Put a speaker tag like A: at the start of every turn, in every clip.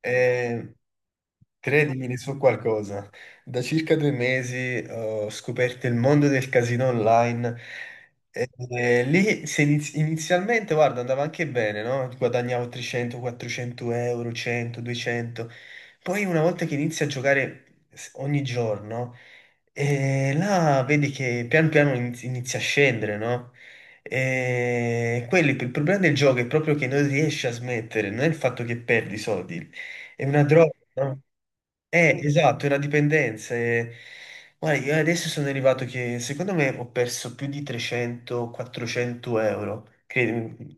A: Eh, Credimi su qualcosa. Da circa 2 mesi ho scoperto il mondo del casino online. E, e lì se inizialmente, guarda, andava anche bene, no? Guadagnavo 300, 400 euro, 100, 200. Poi una volta che inizi a giocare ogni giorno, e là vedi che pian piano inizia a scendere, no? Il problema del gioco è proprio che non riesci a smettere, non è il fatto che perdi soldi, è una droga, no? Esatto, è una dipendenza. Guarda, io adesso sono arrivato che secondo me ho perso più di 300-400 euro. Credimi.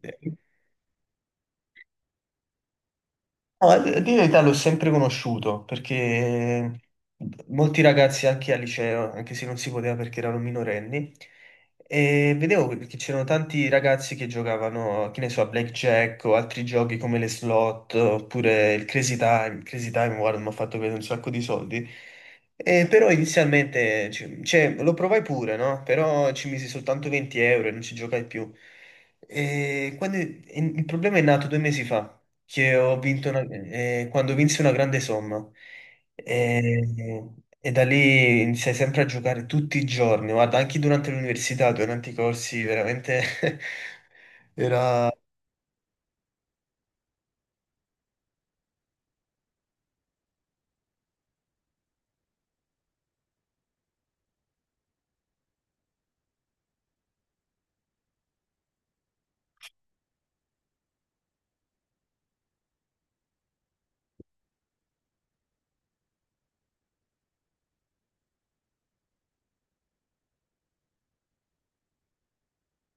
A: No, a dire la verità l'ho sempre conosciuto perché molti ragazzi anche al liceo, anche se non si poteva perché erano minorenni, e vedevo che c'erano tanti ragazzi che giocavano, che ne so, a blackjack o altri giochi come le slot oppure il Crazy Time. Crazy Time, guarda, mi ha fatto vedere un sacco di soldi. E però inizialmente cioè, lo provai pure, no? Però ci misi soltanto 20 euro e non ci giocai più. E il problema è nato 2 mesi fa che quando vinsi una grande somma e, e da lì iniziai sempre a giocare tutti i giorni, guarda, anche durante l'università, durante i corsi, veramente era.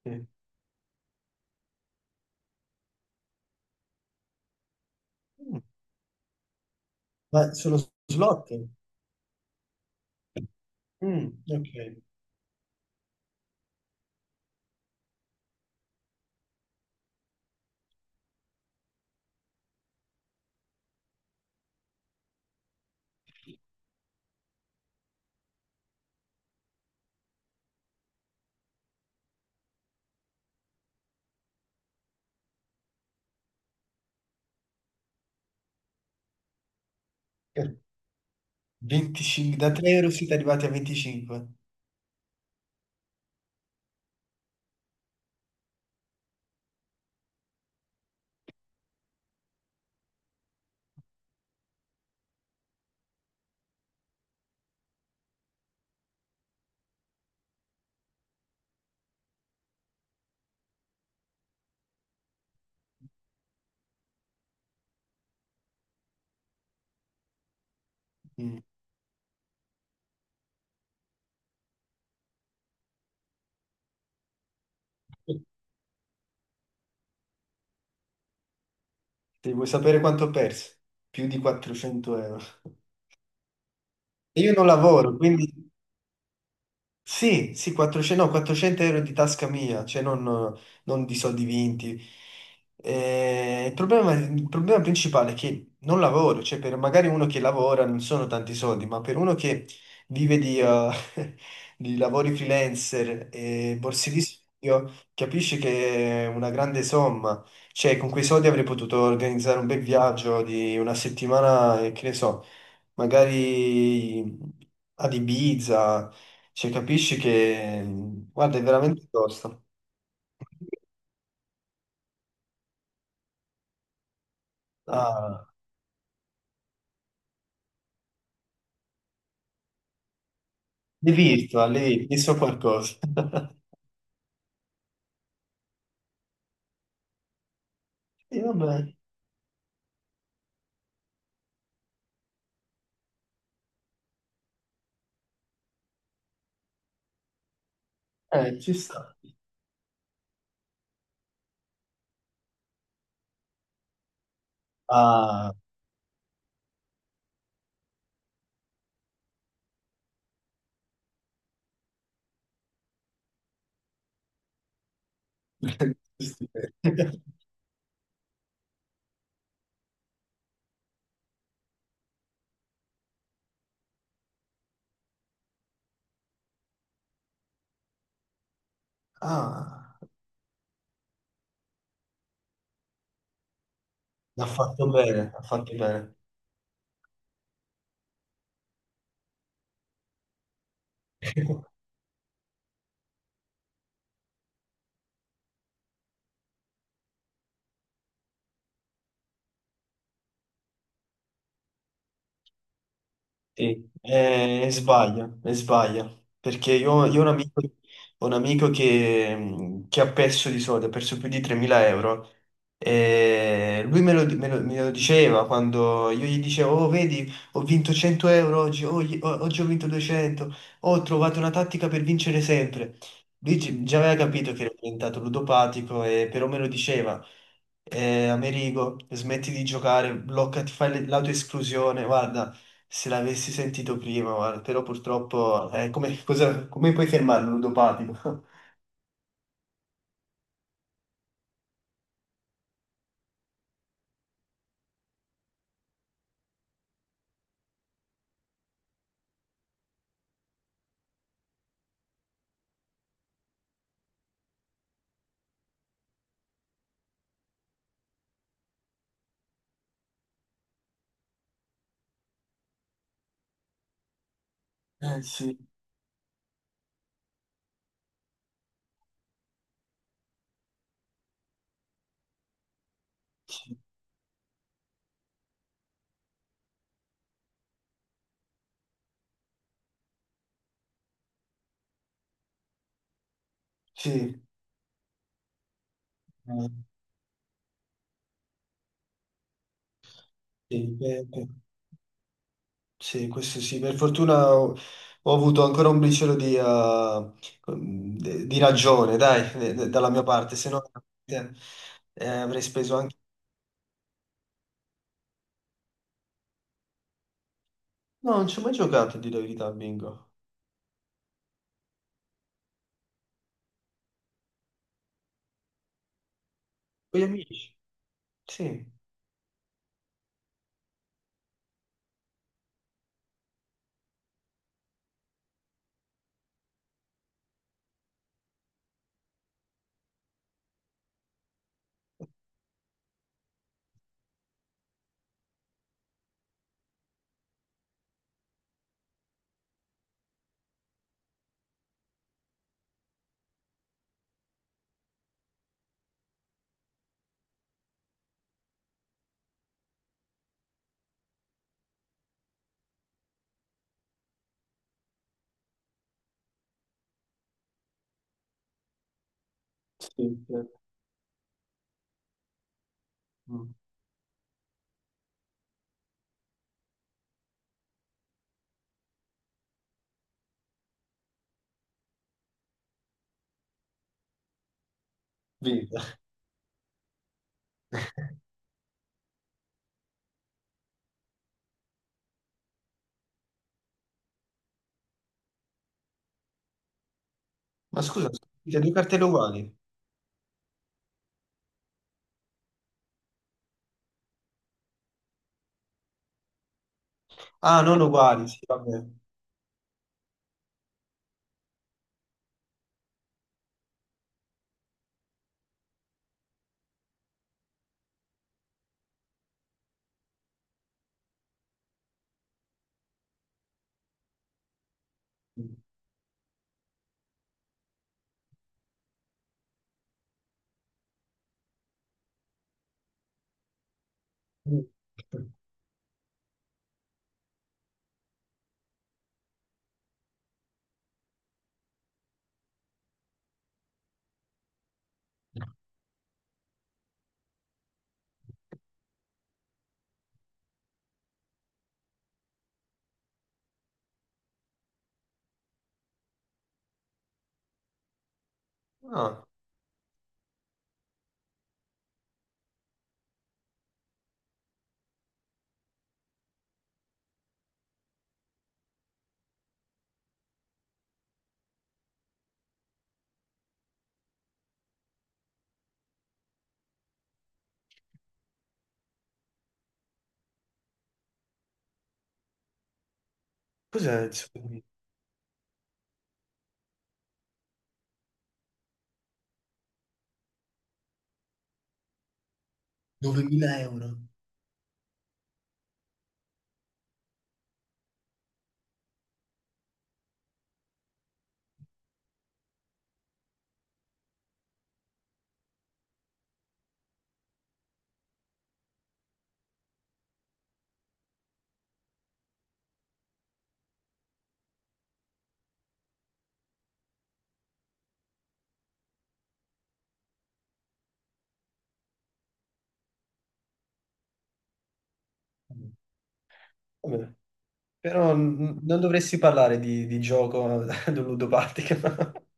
A: Mm. Ma sullo slot? Mm, ok. 25, da 3 euro siete arrivati a 25. Mm. Se vuoi sapere quanto ho perso? Più di 400 euro. E io non lavoro, quindi. Sì, sì, 400, no, 400 euro di tasca mia, cioè non di soldi vinti. Il problema principale è che non lavoro, cioè per magari uno che lavora non sono tanti soldi, ma per uno che vive di lavori freelancer e borse di studio, capisci che è una grande somma. Cioè con quei soldi avrei potuto organizzare un bel viaggio di una settimana, che ne so, magari ad Ibiza, cioè, capisci che, guarda, è veramente tosta. Ah, l'hai visto qualcosa. E vabbè, ci sta. Ah, giusto. ah, ha fatto bene, Sì, e sbaglia, perché io ho un amico, che ha perso più di 3.000 euro, e lui me lo diceva quando io gli dicevo, oh vedi, ho vinto 100 euro oggi, oggi ho vinto 200, "Oh, ho trovato una tattica per vincere sempre." Lui già aveva capito che era diventato ludopatico, però me lo diceva, Amerigo, smetti di giocare, blocca, ti fai l'autoesclusione, guarda, se l'avessi sentito prima, guarda, però purtroppo, come puoi fermarlo, ludopatico? Sì, sì, sì, sì, beh, beh, sì, questo sì, per fortuna ho avuto ancora un briciolo di ragione, dai, dalla mia parte, se no, eh, avrei speso anche. No, non ci ho mai giocato, a dire la verità, a bingo. Con gli amici, sì. Sì, eh, mm, viva. Ma scusa, sono due cartelle uguali. Ah, non uguali, sì, vabbè. Mm. Ah, cos'è il souvenir? 9.000 euro. Mm, vabbè. Però, mm, non dovresti parlare di gioco ad un ludopatico.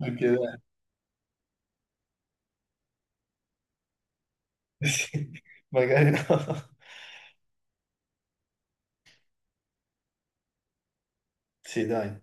A: Ok, dai. Sì, magari no. Sì, dai.